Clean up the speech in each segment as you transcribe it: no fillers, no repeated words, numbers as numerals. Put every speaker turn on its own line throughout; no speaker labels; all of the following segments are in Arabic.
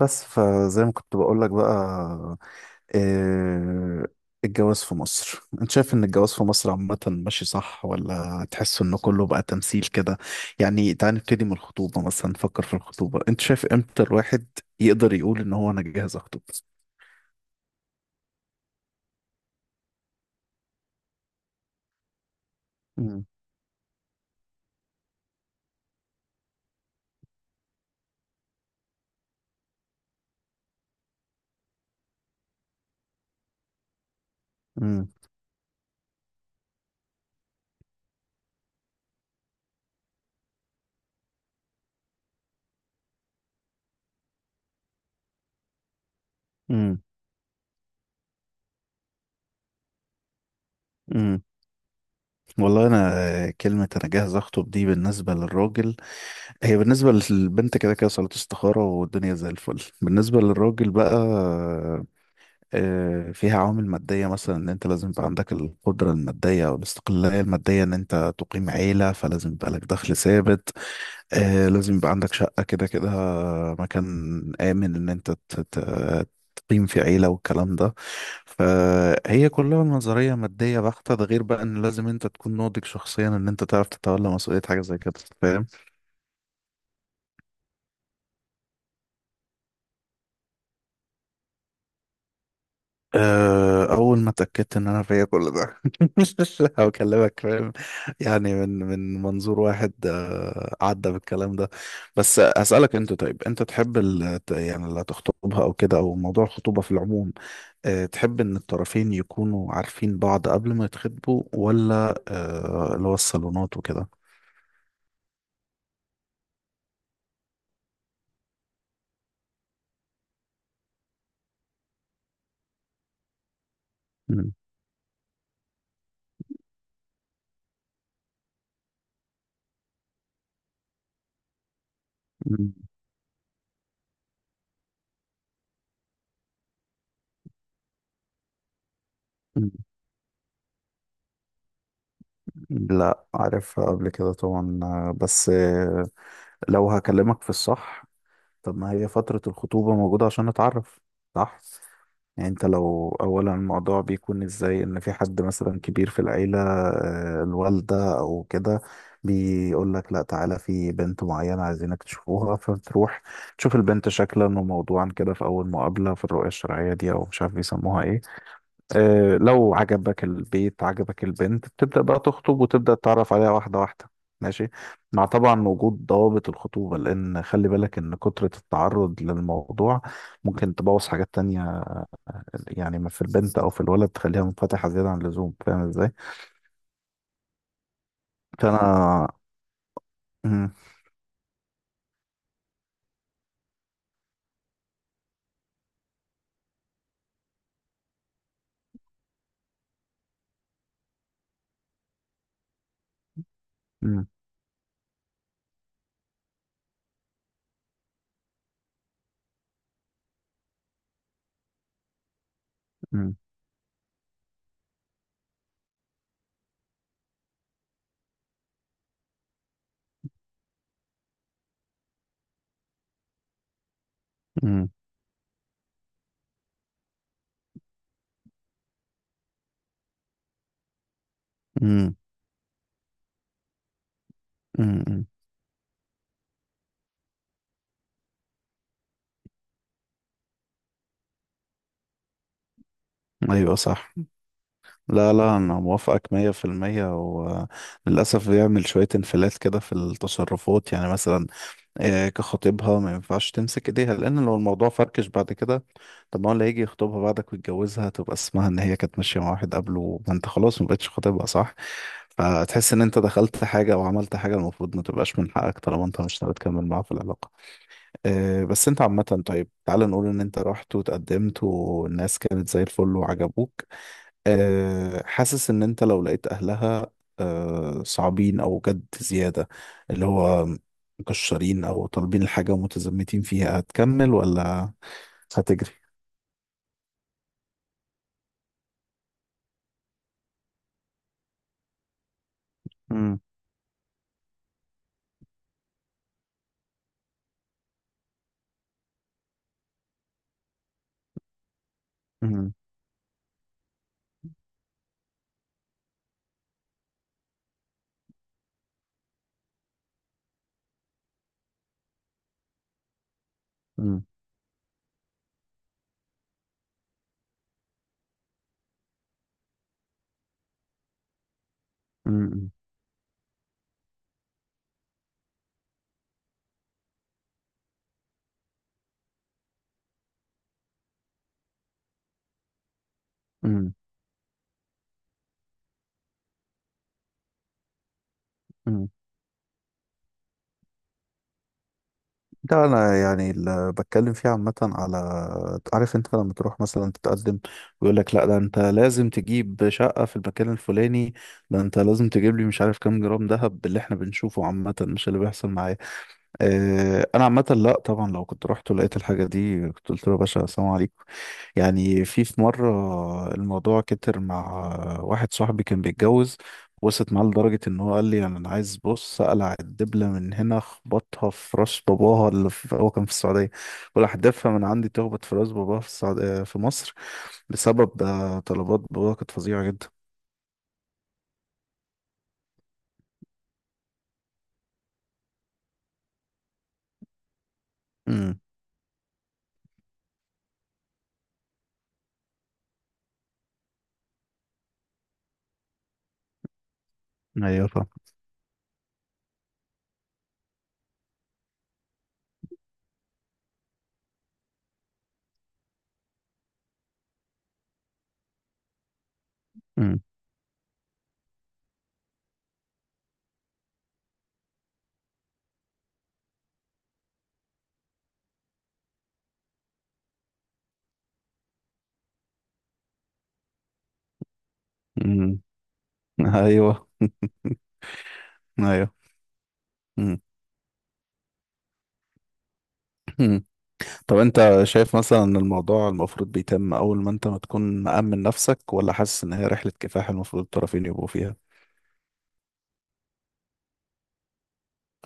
بس فزي ما كنت بقول لك بقى. آه، الجواز في مصر، انت شايف ان الجواز في مصر عامة ماشي صح ولا تحس ان كله بقى تمثيل كده؟ يعني تعال نبتدي من الخطوبة مثلا، نفكر في الخطوبة. انت شايف امتى الواحد يقدر يقول ان هو انا جاهز اخطب؟ مم. مم. مم. مم. والله انا كلمة انا جاهز اخطب دي بالنسبة للراجل، هي بالنسبة للبنت كده كده صلاة استخارة والدنيا زي الفل. بالنسبة للراجل بقى فيها عوامل مادية مثلا، إن أنت لازم يبقى عندك القدرة المادية أو الاستقلالية المادية، إن أنت تقيم عيلة فلازم يبقى لك دخل ثابت. لازم يبقى عندك شقة كده كده، مكان آمن إن أنت تقيم في عيلة والكلام ده. فهي كلها نظرية مادية بحتة، ده غير بقى إن لازم أنت تكون ناضج شخصيا، إن أنت تعرف تتولى مسؤولية حاجة زي كده. فاهم؟ أول ما اتأكدت إن أنا فيا كل ده هكلمك، فاهم؟ يعني من منظور واحد عدى بالكلام ده. بس أسألك أنت، طيب أنت تحب يعني اللي هتخطبها أو كده، أو موضوع الخطوبة في العموم تحب إن الطرفين يكونوا عارفين بعض قبل ما يتخطبوا ولا اللي هو الصالونات وكده؟ مم. مم. مم. لا، عارفها قبل كده طبعا. بس لو هكلمك في الصح، طب ما هي فترة الخطوبة موجودة عشان نتعرف، صح؟ يعني انت لو، اولا الموضوع بيكون ازاي؟ ان في حد مثلا كبير في العيلة الوالدة او كده، بيقول لك لا تعالى في بنت معينة عايزينك تشوفوها، فبتروح تشوف البنت شكلا وموضوعا كده في اول مقابلة، في الرؤية الشرعية دي او مش عارف بيسموها ايه. لو عجبك البيت، عجبك البنت، بتبدأ بقى تخطب وتبدأ تتعرف عليها واحدة واحدة. ماشي، مع طبعا وجود ضوابط الخطوبة، لأن خلي بالك إن كترة التعرض للموضوع ممكن تبوظ حاجات تانية. يعني ما في البنت أو في الولد تخليها منفتحة زيادة عن اللزوم. فاهم إزاي؟ فأنا. مم. مم. مم. مم. مم. مم. مم. أيوة صح. لا لا، أنا موافقك 100%. وللأسف بيعمل شوية انفلات كده في التصرفات، يعني مثلا كخطيبها ما ينفعش تمسك ايديها، لان لو الموضوع فركش بعد كده، طب ما هو اللي هيجي يخطبها بعدك ويتجوزها تبقى اسمها ان هي كانت ماشيه مع واحد قبله، ما انت خلاص ما بقتش خطيبها صح. فتحس ان انت دخلت حاجه او عملت حاجه المفروض ما تبقاش من حقك، طالما انت مش ناوي تكمل معاها في العلاقه. بس انت عامه، طيب تعال نقول ان انت رحت وتقدمت والناس كانت زي الفل وعجبوك، حاسس ان انت لو لقيت اهلها صعبين او جد زيادة، اللي هو مكشرين او طالبين الحاجة ومتزمتين فيها، هتكمل ولا هتجري؟ امم. امم. امم. امم. امم. امم. ده انا يعني اللي بتكلم فيه عامه، على، عارف انت لما تروح مثلا تتقدم ويقول لك لا ده انت لازم تجيب شقه في المكان الفلاني، ده انت لازم تجيب لي مش عارف كام جرام ذهب، اللي احنا بنشوفه عامه مش اللي بيحصل معايا. انا عامه لا طبعا، لو كنت رحت ولقيت الحاجه دي كنت قلت له يا باشا السلام عليكم. يعني في مره الموضوع كتر مع واحد صاحبي كان بيتجوز، وصلت معاه لدرجه ان هو قال لي يعني انا عايز، بص اقلع الدبله من هنا اخبطها في راس باباها، اللي في، هو كان في السعوديه، ولا احدفها من عندي تخبط في راس باباها في السعوديه، في مصر، بسبب طلبات باباها كانت فظيعه جدا. امم. ايوه فاهم. امم. أمم. ايوه. ايوه. امم. طب انت شايف مثلا ان الموضوع المفروض بيتم اول ما انت ما تكون مأمن نفسك، ولا حاسس ان هي رحلة كفاح المفروض الطرفين يبقوا فيها؟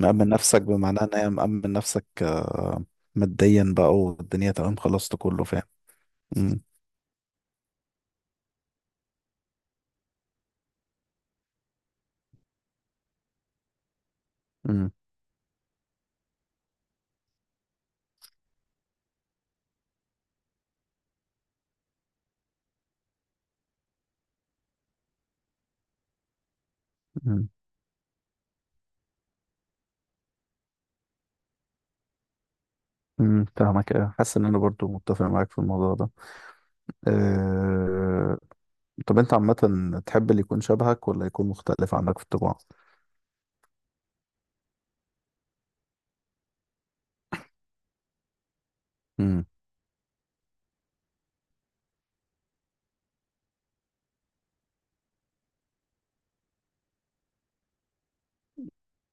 مأمن نفسك بمعنى ان هي مأمن نفسك ماديا بقى والدنيا تمام، خلصت كله، فاهم؟ امم. امم. امم. فاهمك، اه. حاسس ان انا برضو متفق معاك في الموضوع ده. أه. طب انت عامة تحب اللي يكون شبهك ولا يكون مختلف عنك في الطباع؟ امم.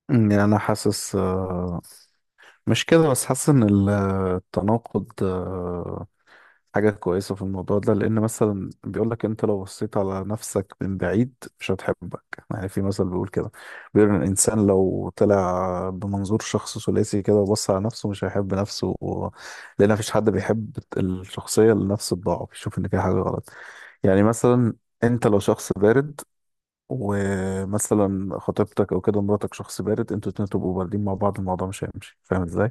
يعني انا حاسس مش كده بس، حاسس ان التناقض حاجة كويسة في الموضوع ده. لأن مثلا بيقولك أنت لو بصيت على نفسك من بعيد مش هتحبك. يعني في مثل بيقول كده، بيقول إن الإنسان لو طلع بمنظور شخص ثلاثي كده وبص على نفسه مش هيحب نفسه و. لأن مفيش حد بيحب الشخصية اللي نفسه تضاعه، بيشوف إن فيها حاجة غلط. يعني مثلا أنت لو شخص بارد، ومثلا خطيبتك أو كده مراتك شخص بارد، أنتوا الاتنين تبقوا باردين مع بعض، الموضوع مش هيمشي. فاهم إزاي؟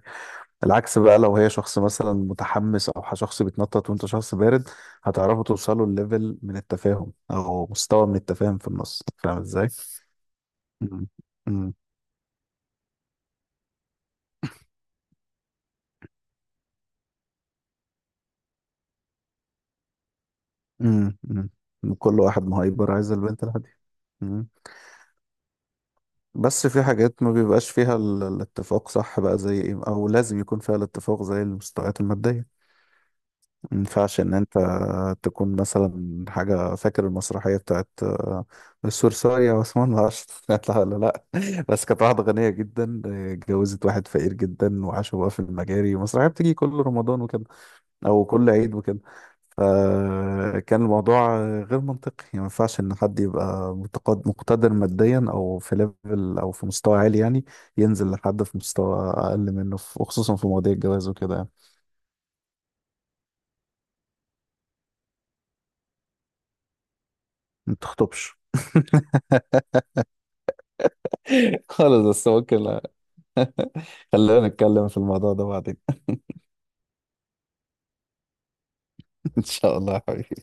العكس بقى لو هي شخص مثلا متحمس او شخص بيتنطط وانت شخص بارد، هتعرفوا توصلوا لليفل من التفاهم او مستوى من التفاهم في النص. فاهم ازاي؟ مم. مم. مم. مم. كل واحد مهايبر عايز البنت الهادية. مم. بس في حاجات ما بيبقاش فيها الاتفاق صح بقى، زي ايه او لازم يكون فيها الاتفاق زي المستويات المادية. ما ينفعش ان انت تكون مثلا حاجه، فاكر المسرحيه بتاعت السورسارية وعثمان العشر هتطلع ولا لا؟ بس كانت واحده غنيه جدا اتجوزت واحد فقير جدا وعاشوا بقى في المجاري. المسرحيه بتيجي كل رمضان وكده او كل عيد وكده. فكان الموضوع غير منطقي. يعني ما ينفعش ان حد يبقى مقتدر ماديا او في ليفل او في مستوى عالي يعني، ينزل لحد في مستوى اقل منه وخصوصا في مواضيع الجواز وكده. يعني ما تخطبش. خلاص، بس ممكن خلينا نتكلم في الموضوع ده بعدين. ان شاء الله يا حبيبي.